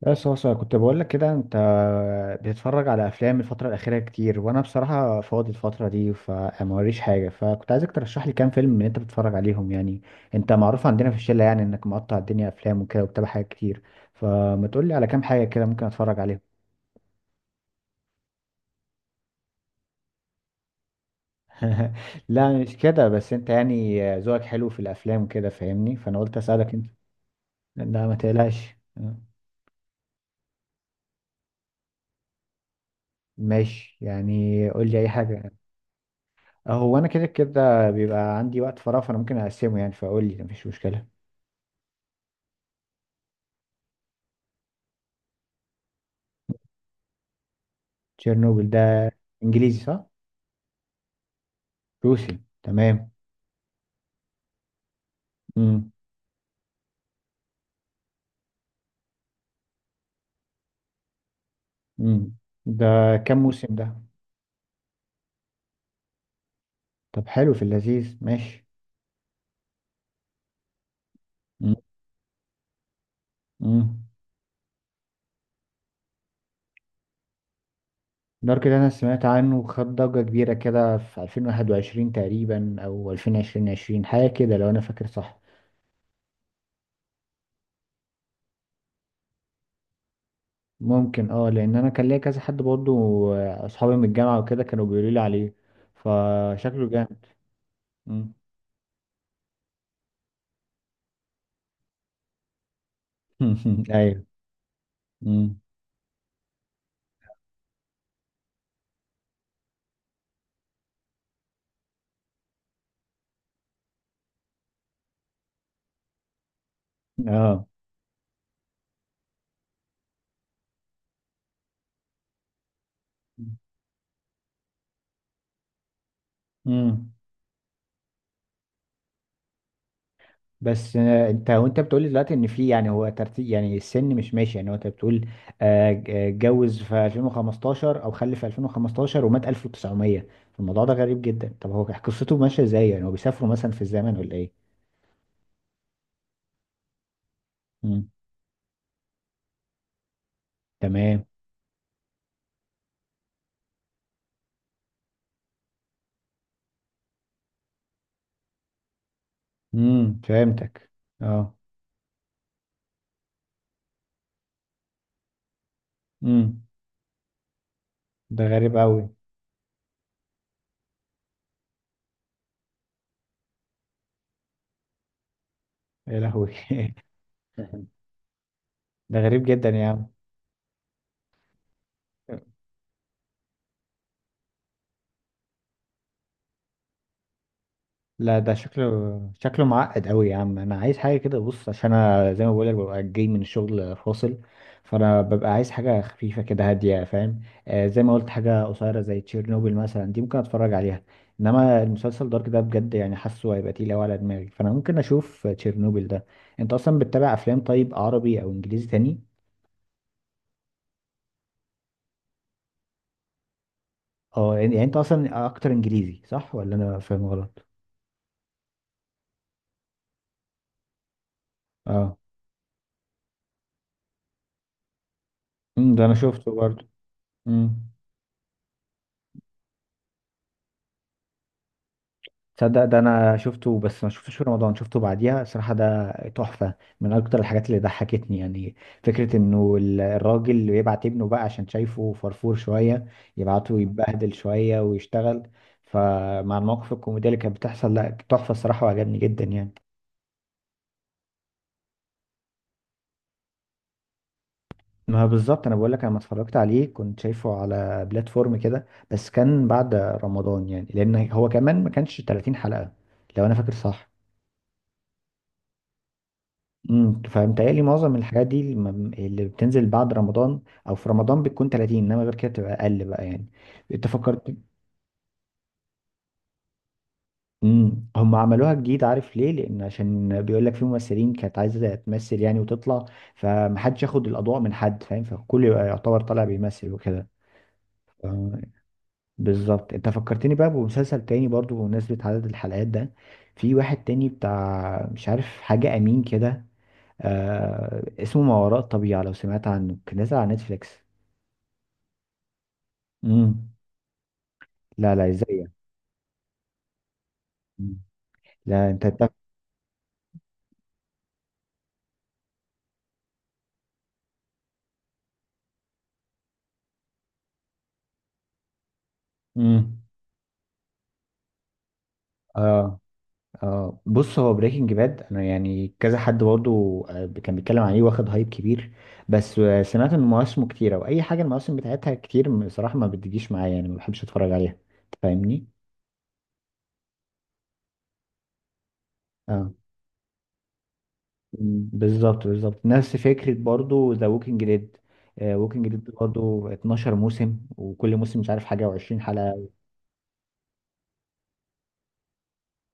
بس هو سؤال كنت بقول لك كده. انت بتتفرج على افلام الفتره الاخيره كتير، وانا بصراحه فاضي الفتره دي فموريش حاجه، فكنت عايزك ترشح لي كام فيلم من اللي انت بتتفرج عليهم. يعني انت معروف عندنا في الشله، يعني انك مقطع الدنيا افلام وكده وبتابع حاجات كتير. فما تقول لي على كام حاجه كده ممكن اتفرج عليهم؟ لا مش كده، بس انت يعني ذوقك حلو في الافلام كده فاهمني، فانا قلت اسالك انت. لا ما تقلقش. ماشي يعني، قول لي اي حاجه. هو انا كده كده بيبقى عندي وقت فراغ، فانا ممكن اقسمه يعني، فاقول لي مفيش مشكله. تشيرنوبل ده انجليزي صح؟ روسي، تمام. امم امم ده كام موسم ده؟ طب حلو، في اللذيذ ماشي. امم امم دارك ده انا سمعت عنه وخد ضجه كبيره كده في 2021 تقريبا او 2020 حاجه كده، لو انا فاكر صح. ممكن، اه، لان انا كان ليا كذا حد برضه. اصحابي من الجامعه وكده كانوا بيقولوا لي عليه، فشكله جامد. مم. ايوه. مم. اه. امم بس انت وانت بتقولي دلوقتي ان في يعني، هو ترتيب يعني السن مش ماشي يعني، هو انت بتقول اتجوز في 2015 او خلف في 2015 ومات 1900. الموضوع ده غريب جدا، طب هو قصته ماشيه ازاي؟ يعني هو بيسافروا مثلا في الزمن ولا ايه؟ امم تمام. فهمتك. اه. امم ده غريب قوي. يا لهوي. ده غريب جدا يا عم. لا ده شكله معقد قوي يا عم، انا عايز حاجه كده، بص، عشان انا زي ما بقولك ببقى جاي من الشغل فاصل، فانا ببقى عايز حاجه خفيفه كده هاديه، فاهم؟ آه، زي ما قلت، حاجه قصيره زي تشيرنوبل مثلا دي ممكن اتفرج عليها. انما المسلسل دارك ده بجد يعني حاسه هيبقى تقيل قوي على دماغي، فانا ممكن اشوف تشيرنوبل ده. انت اصلا بتتابع افلام طيب، عربي او انجليزي تاني؟ اه، يعني انت اصلا اكتر انجليزي صح ولا انا فاهم غلط؟ اه. ده انا شفته برضه. أمم. تصدق ده انا شفته، بس ما شفتوش في رمضان، شفته بعديها. صراحة ده تحفة. من اكتر الحاجات اللي ضحكتني يعني. فكرة انه الراجل اللي يبعت ابنه بقى عشان شايفه فرفور شوية، يبعته يتبهدل شوية ويشتغل. فمع المواقف الكوميدية اللي كانت بتحصل، لا تحفة الصراحة وعجبني جدا يعني. ما هو بالظبط، انا بقول لك، انا لما اتفرجت عليه كنت شايفه على بلاتفورم كده، بس كان بعد رمضان يعني، لان هو كمان ما كانش 30 حلقة، لو انا فاكر صح. فمتهيألي معظم الحاجات دي اللي بتنزل بعد رمضان، او في رمضان بتكون 30، انما غير كده بتبقى اقل بقى يعني. انت فكرت. هم عملوها جديد، عارف ليه؟ لان عشان بيقول لك في ممثلين كانت عايزه تمثل يعني وتطلع، فمحدش ياخد الاضواء من حد، فاهم؟ فالكل يبقى يعتبر طالع بيمثل وكده. ف- بالظبط، انت فكرتني بقى بمسلسل تاني برضو بمناسبة عدد الحلقات ده. في واحد تاني بتاع مش عارف حاجة امين كده. آه اسمه ما وراء الطبيعة، لو سمعت عنه، كان نازل على نتفليكس. امم لا، لا، ازاي؟ مم. لا انت امم اه. اه، بص، هو بريكنج باد انا يعني كذا حد برضه. كان بيتكلم عليه واخد هايب كبير. بس سمعت ان مواسمه كتيره، واي حاجه المواسم بتاعتها كتير بصراحه ما بتجيش معايا يعني، ما بحبش اتفرج عليها. انت فاهمني؟ اه. مم، بالظبط بالظبط نفس فكره برضه ذا ووكينج ديد. ووكينج ديد برضه 12 موسم، وكل موسم مش عارف حاجه و20 حلقه.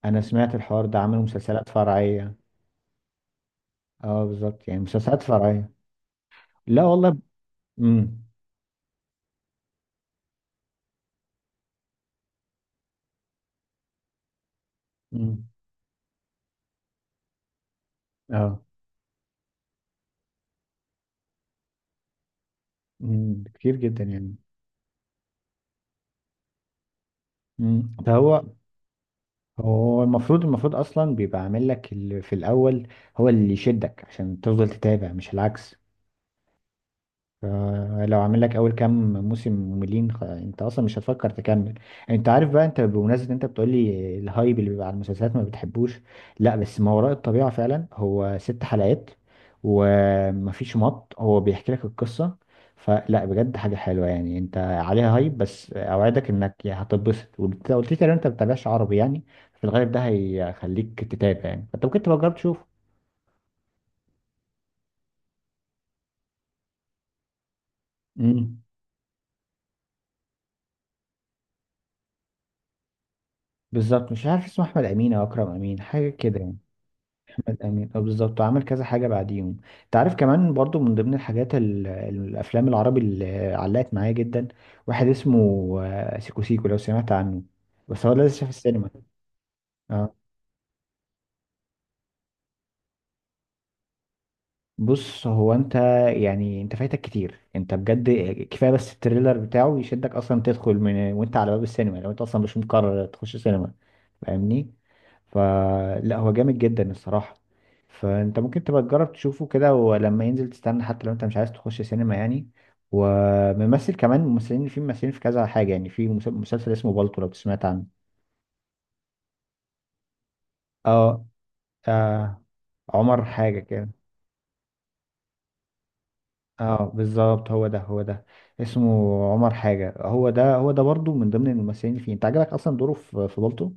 انا سمعت الحوار ده، عملوا مسلسلات فرعيه. اه بالظبط، يعني مسلسلات فرعيه. لا والله. امم امم اه. كتير جدا يعني. ده هو. هو المفروض، اصلا بيبقى عامل لك اللي في الاول، هو اللي يشدك عشان تفضل تتابع مش العكس. لو عامل لك اول كام موسم مملين انت اصلا مش هتفكر تكمل. انت عارف بقى، انت بمناسبه انت بتقول لي الهايب اللي بيبقى على المسلسلات ما بتحبوش، لا بس ما وراء الطبيعه فعلا هو 6 حلقات، ومفيش مط، هو بيحكي لك القصه. فلا، بجد حاجه حلوه يعني، انت عليها هايب بس اوعدك انك يا هتتبسط، وانت قلت لي تقريبا انت ما بتتابعش عربي يعني، في الغالب ده هيخليك تتابع يعني. فانت ممكن تبقى تجرب تشوف. امم بالظبط. مش عارف اسمه احمد امين او اكرم امين حاجه كده يعني. الأمين، أه بالظبط، وعمل كذا حاجة بعديهم. أنت عارف كمان برضو من ضمن الحاجات الأفلام العربي اللي علقت معايا جدا، واحد اسمه سيكو سيكو، لو سمعت عنه، بس هو لسه في السينما. اه بص، هو انت يعني، انت فايتك كتير انت بجد. كفايه بس التريلر بتاعه يشدك اصلا تدخل من وانت على باب السينما لو انت اصلا مش مقرر تخش سينما، فاهمني؟ فلا، هو جامد جدا الصراحه. فانت ممكن تبقى تجرب تشوفه كده، ولما ينزل تستنى، حتى لو انت مش عايز تخش سينما يعني. وممثل كمان، ممثلين في كذا حاجه يعني، في مسلسل اسمه بالطو، لو سمعت عنه. اه. آه، عمر حاجه كده. اه بالظبط، هو ده هو ده. اسمه عمر حاجة. هو ده هو ده برضو من ضمن الممثلين اللي فيه انت عجبك اصلا دوره في بالطو.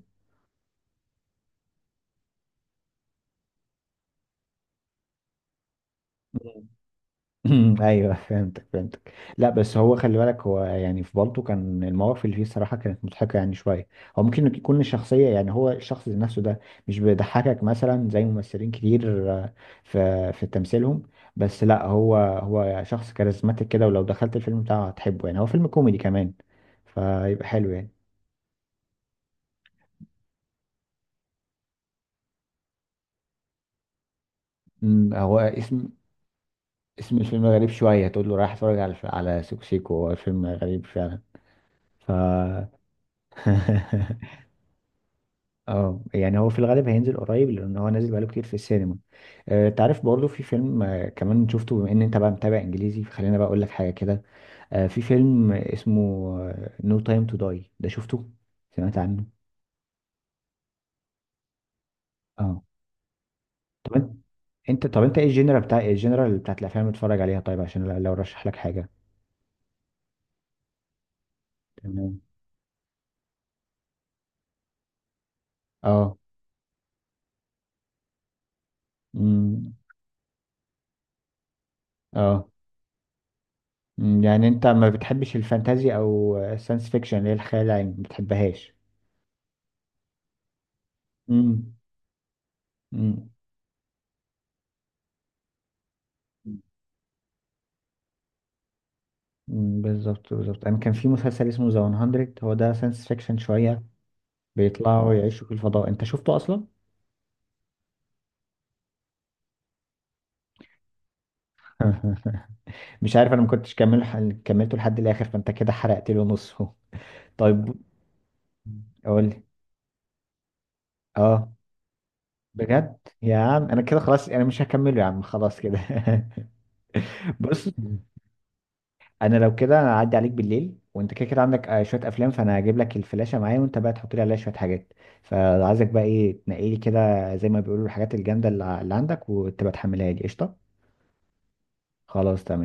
مم. ايوه فهمتك فهمتك. لا بس هو خلي بالك، هو يعني في بالطو كان المواقف اللي فيه الصراحة كانت مضحكة يعني شوية. هو ممكن يكون الشخصية يعني، هو الشخص ذات نفسه ده مش بيضحكك مثلا زي ممثلين كتير في تمثيلهم. بس لا، هو شخص كاريزماتيك كده، ولو دخلت الفيلم بتاعه هتحبه يعني، هو فيلم كوميدي كمان فيبقى حلو يعني. هو اسم الفيلم غريب شوية، تقول له رايح اتفرج على سيكو سيكو، هو فيلم غريب فعلا. ف اه يعني هو في الغالب هينزل قريب، لان هو نازل بقاله كتير في السينما. انت عارف برضه في فيلم، كمان شفته، بما ان انت بقى متابع انجليزي فخلينا بقى اقول لك حاجة كده. في فيلم اسمه نو تايم تو داي، ده شفته؟ سمعت عنه؟ اه. طب انت، انت طب انت ايه الجنرال بتاع، بتاعت الافلام اللي بتتفرج عليها طيب؟ عشان لو رشح لك حاجة. تمام. اه. امم اه. مم، يعني انت ما بتحبش الفانتازي او الساينس فيكشن اللي هي الخيال العلمي ما بتحبهاش؟ مم، مم، مم، بالظبط بالظبط. انا كان في مسلسل اسمه ذا 100، هو ده ساينس فيكشن شويه، بيطلعوا يعيشوا في الفضاء، انت شفته اصلا؟ مش عارف، انا ما كنتش كملته لحد الاخر، فانت كده حرقت له نصه. طيب قول لي. اه بجد يا عم، انا كده خلاص، انا مش هكمله يا عم، خلاص كده. بص، انا لو كده انا هعدي عليك بالليل وانت كده كده عندك شويه افلام، فانا هجيب لك الفلاشه معايا وانت بقى تحط لي عليها شويه حاجات. فعايزك بقى ايه، تنقي لي كده زي ما بيقولوا الحاجات الجامده اللي عندك، وتبقى تحملها لي قشطه. خلاص تمام.